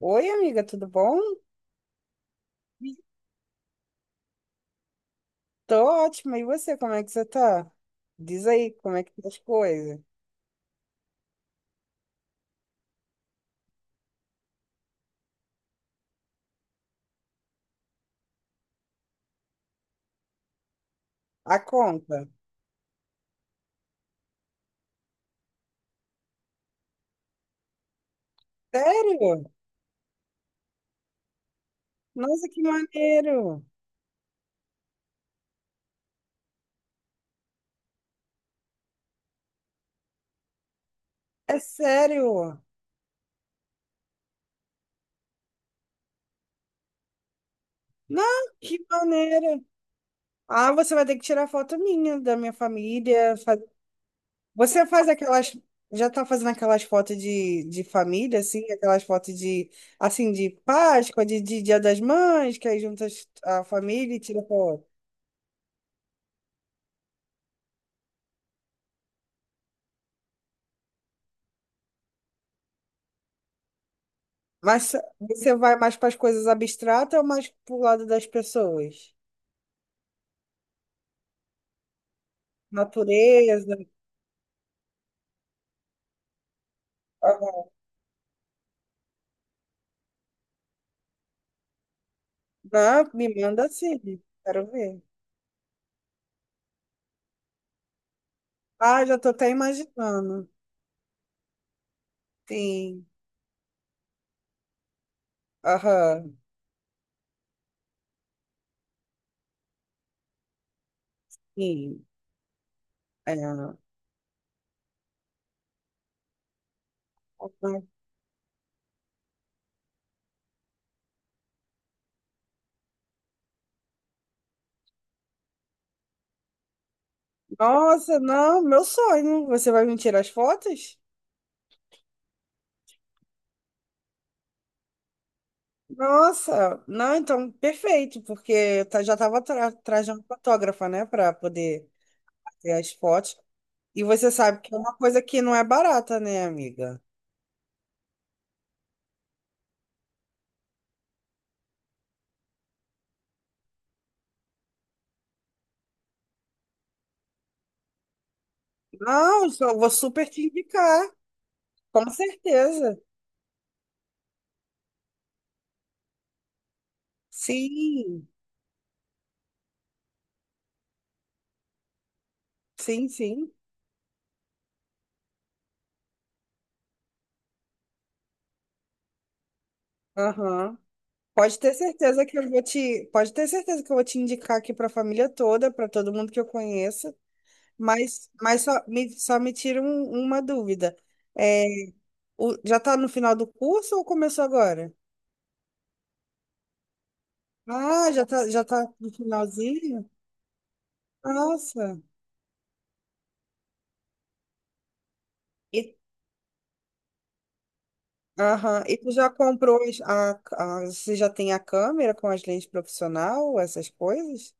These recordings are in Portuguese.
Oi, amiga, tudo bom? Tô ótima. E você, como é que você tá? Diz aí, como é que tá as coisas? A conta. Sério? Nossa, que maneiro! É sério? Não, que maneiro! Ah, você vai ter que tirar foto minha, da minha família. Você faz aquelas. Já tá fazendo aquelas fotos de família, assim? Aquelas fotos de, assim, de Páscoa, de Dia das Mães, que aí juntas a família e tira foto. Mas você vai mais para as coisas abstratas ou mais para o lado das pessoas? Natureza. Aham. Ah, me manda sim, quero ver. Ah, já estou até imaginando. Sim, aham, sim. É. Nossa, não, meu sonho. Você vai me tirar as fotos? Nossa, não, então perfeito, porque eu já estava atrás de uma fotógrafa, né, para poder ter as fotos. E você sabe que é uma coisa que não é barata, né, amiga? Não, eu vou super te indicar, com certeza. Sim, sim, sim. Aham. Pode ter certeza que eu vou te, pode ter certeza que eu vou te indicar aqui para a família toda, para todo mundo que eu conheço. Mas só me tira uma dúvida. É, já está no final do curso ou começou agora? Ah, já está, já tá no finalzinho? Nossa. Aham. E tu já comprou você já tem a câmera com as lentes profissional, essas coisas?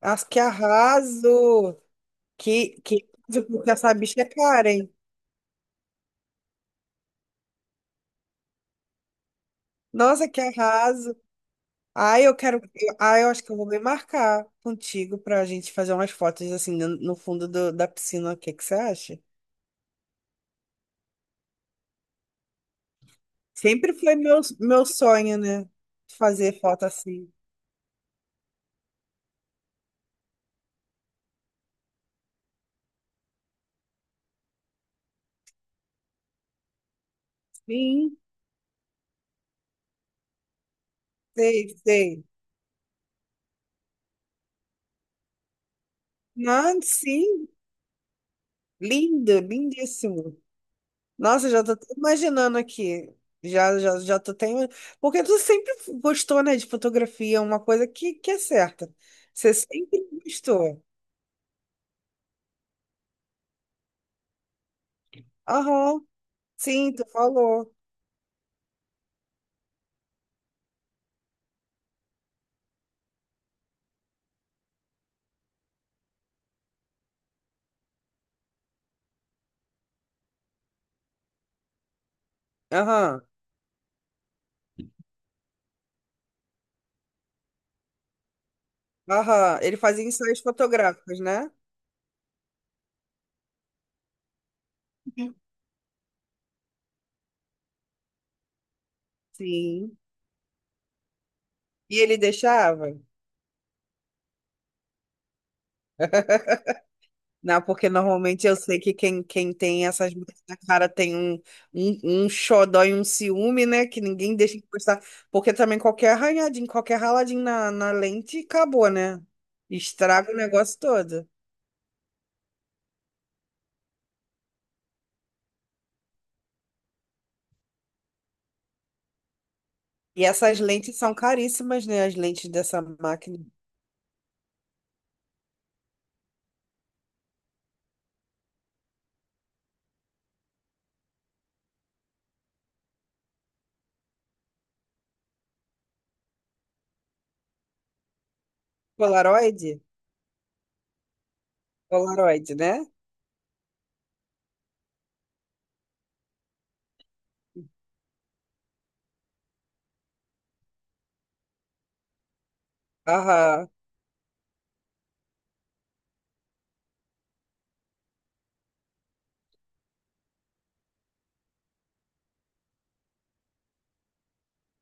As que arraso! Que, que, porque essa bicha é cara, hein? Nossa, que arraso! Ai, eu quero. Ai, eu acho que eu vou me marcar contigo pra gente fazer umas fotos assim no fundo da piscina. O que que você acha? Sempre foi meu, meu sonho, né? Fazer foto assim. Sim, sei, sei. Não, sim, lindo, lindíssimo. Nossa, já tô até imaginando aqui. Já, já, já tô até... Porque tu sempre gostou, né, de fotografia, uma coisa que é certa. Você sempre gostou. Aham, sim, tu falou. Aham, aham. Ele fazia ensaios fotográficos, né? Sim. E ele deixava? Não, porque normalmente eu sei que quem tem essas marcas na cara tem um, um, um xodó e um ciúme, né? Que ninguém deixa de postar. Porque também qualquer arranhadinho, qualquer raladinho na lente, acabou, né? Estraga o negócio todo. E essas lentes são caríssimas, né? As lentes dessa máquina. Polaroid? Polaroid, né? Aham.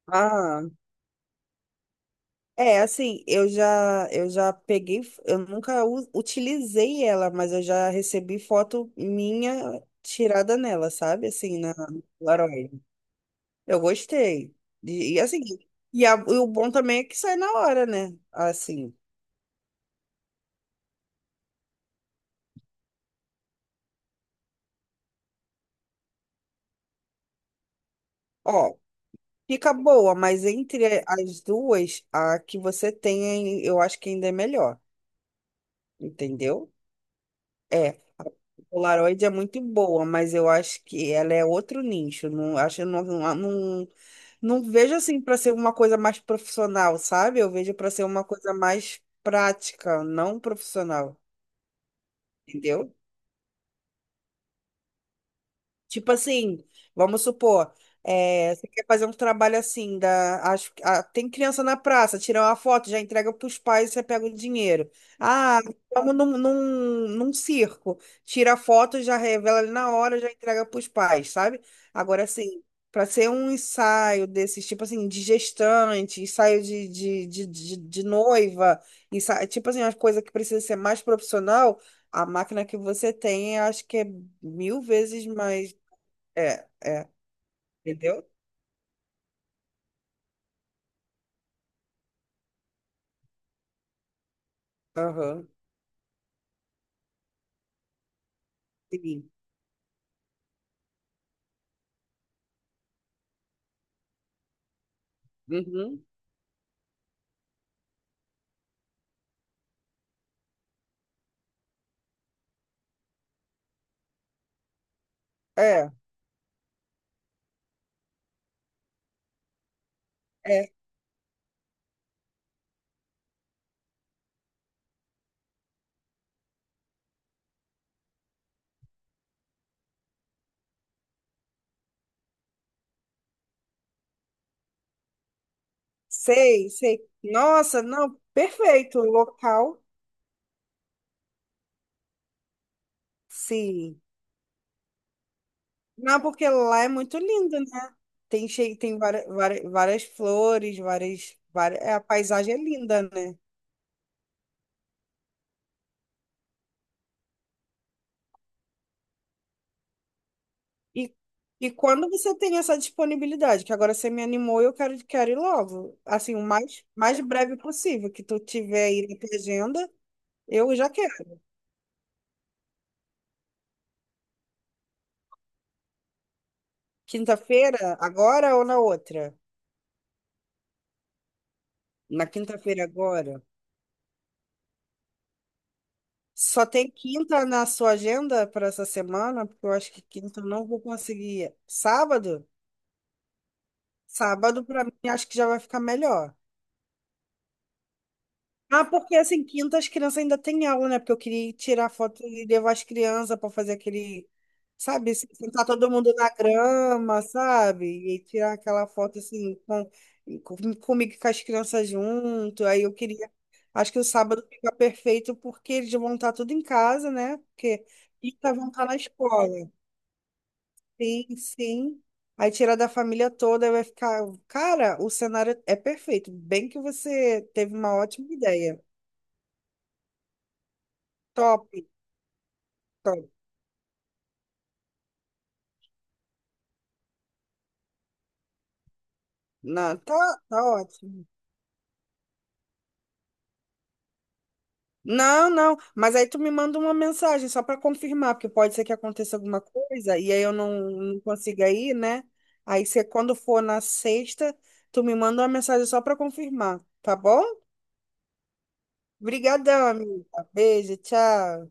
Aham. É, assim, eu já peguei, eu nunca utilizei ela, mas eu já recebi foto minha tirada nela, sabe? Assim, na no Polaroid. Eu gostei. E assim, e, e o bom também é que sai na hora, né? Assim, ó, fica boa, mas entre as duas, a que você tem, eu acho que ainda é melhor, entendeu? É, a Polaroid é muito boa, mas eu acho que ela é outro nicho. Não, acho, não, não, não, não vejo assim para ser uma coisa mais profissional, sabe? Eu vejo para ser uma coisa mais prática, não profissional, entendeu? Tipo assim, vamos supor, é, você quer fazer um trabalho assim, da, acho, ah, tem criança na praça, tira uma foto, já entrega para os pais, você pega o dinheiro. Ah, vamos num circo, tira a foto, já revela ali na hora, já entrega para os pais, sabe? Agora, assim, para ser um ensaio desses, tipo assim, de gestante, ensaio de noiva, ensaio, tipo assim, uma coisa que precisa ser mais profissional, a máquina que você tem, eu acho que é mil vezes mais é, é, entendeu? Aham, sim. Uhum. É, é. Sei, sei. Nossa, não, perfeito o local. Sim. Não, porque lá é muito lindo, né? Tem cheio, tem várias, várias, várias flores, várias, várias, é, a paisagem é linda, né? E, e quando você tem essa disponibilidade, que agora você me animou, eu quero, quero ir logo. Assim, o mais, mais breve possível, que tu tiver aí na tua agenda, eu já quero. Quinta-feira, agora ou na outra? Na quinta-feira agora. Só tem quinta na sua agenda para essa semana, porque eu acho que quinta eu não vou conseguir. Sábado? Sábado para mim acho que já vai ficar melhor. Ah, porque assim, quinta as crianças ainda têm aula, né? Porque eu queria tirar foto e levar as crianças para fazer aquele, sabe, sentar todo mundo na grama, sabe? E tirar aquela foto assim, com, comigo e com as crianças junto. Aí eu queria. Acho que o sábado fica perfeito porque eles vão estar tudo em casa, né? Porque quinta vão estar na escola. Sim, sim. Aí tirar da família toda, aí vai ficar. Cara, o cenário é perfeito. Bem que você teve uma ótima ideia. Top. Tá. Não, tá, tá ótimo. Não, não, mas aí tu me manda uma mensagem só para confirmar, porque pode ser que aconteça alguma coisa e aí eu não consiga ir, né? Aí você, quando for na sexta, tu me manda uma mensagem só para confirmar, tá bom? Obrigadão, amiga. Beijo, tchau.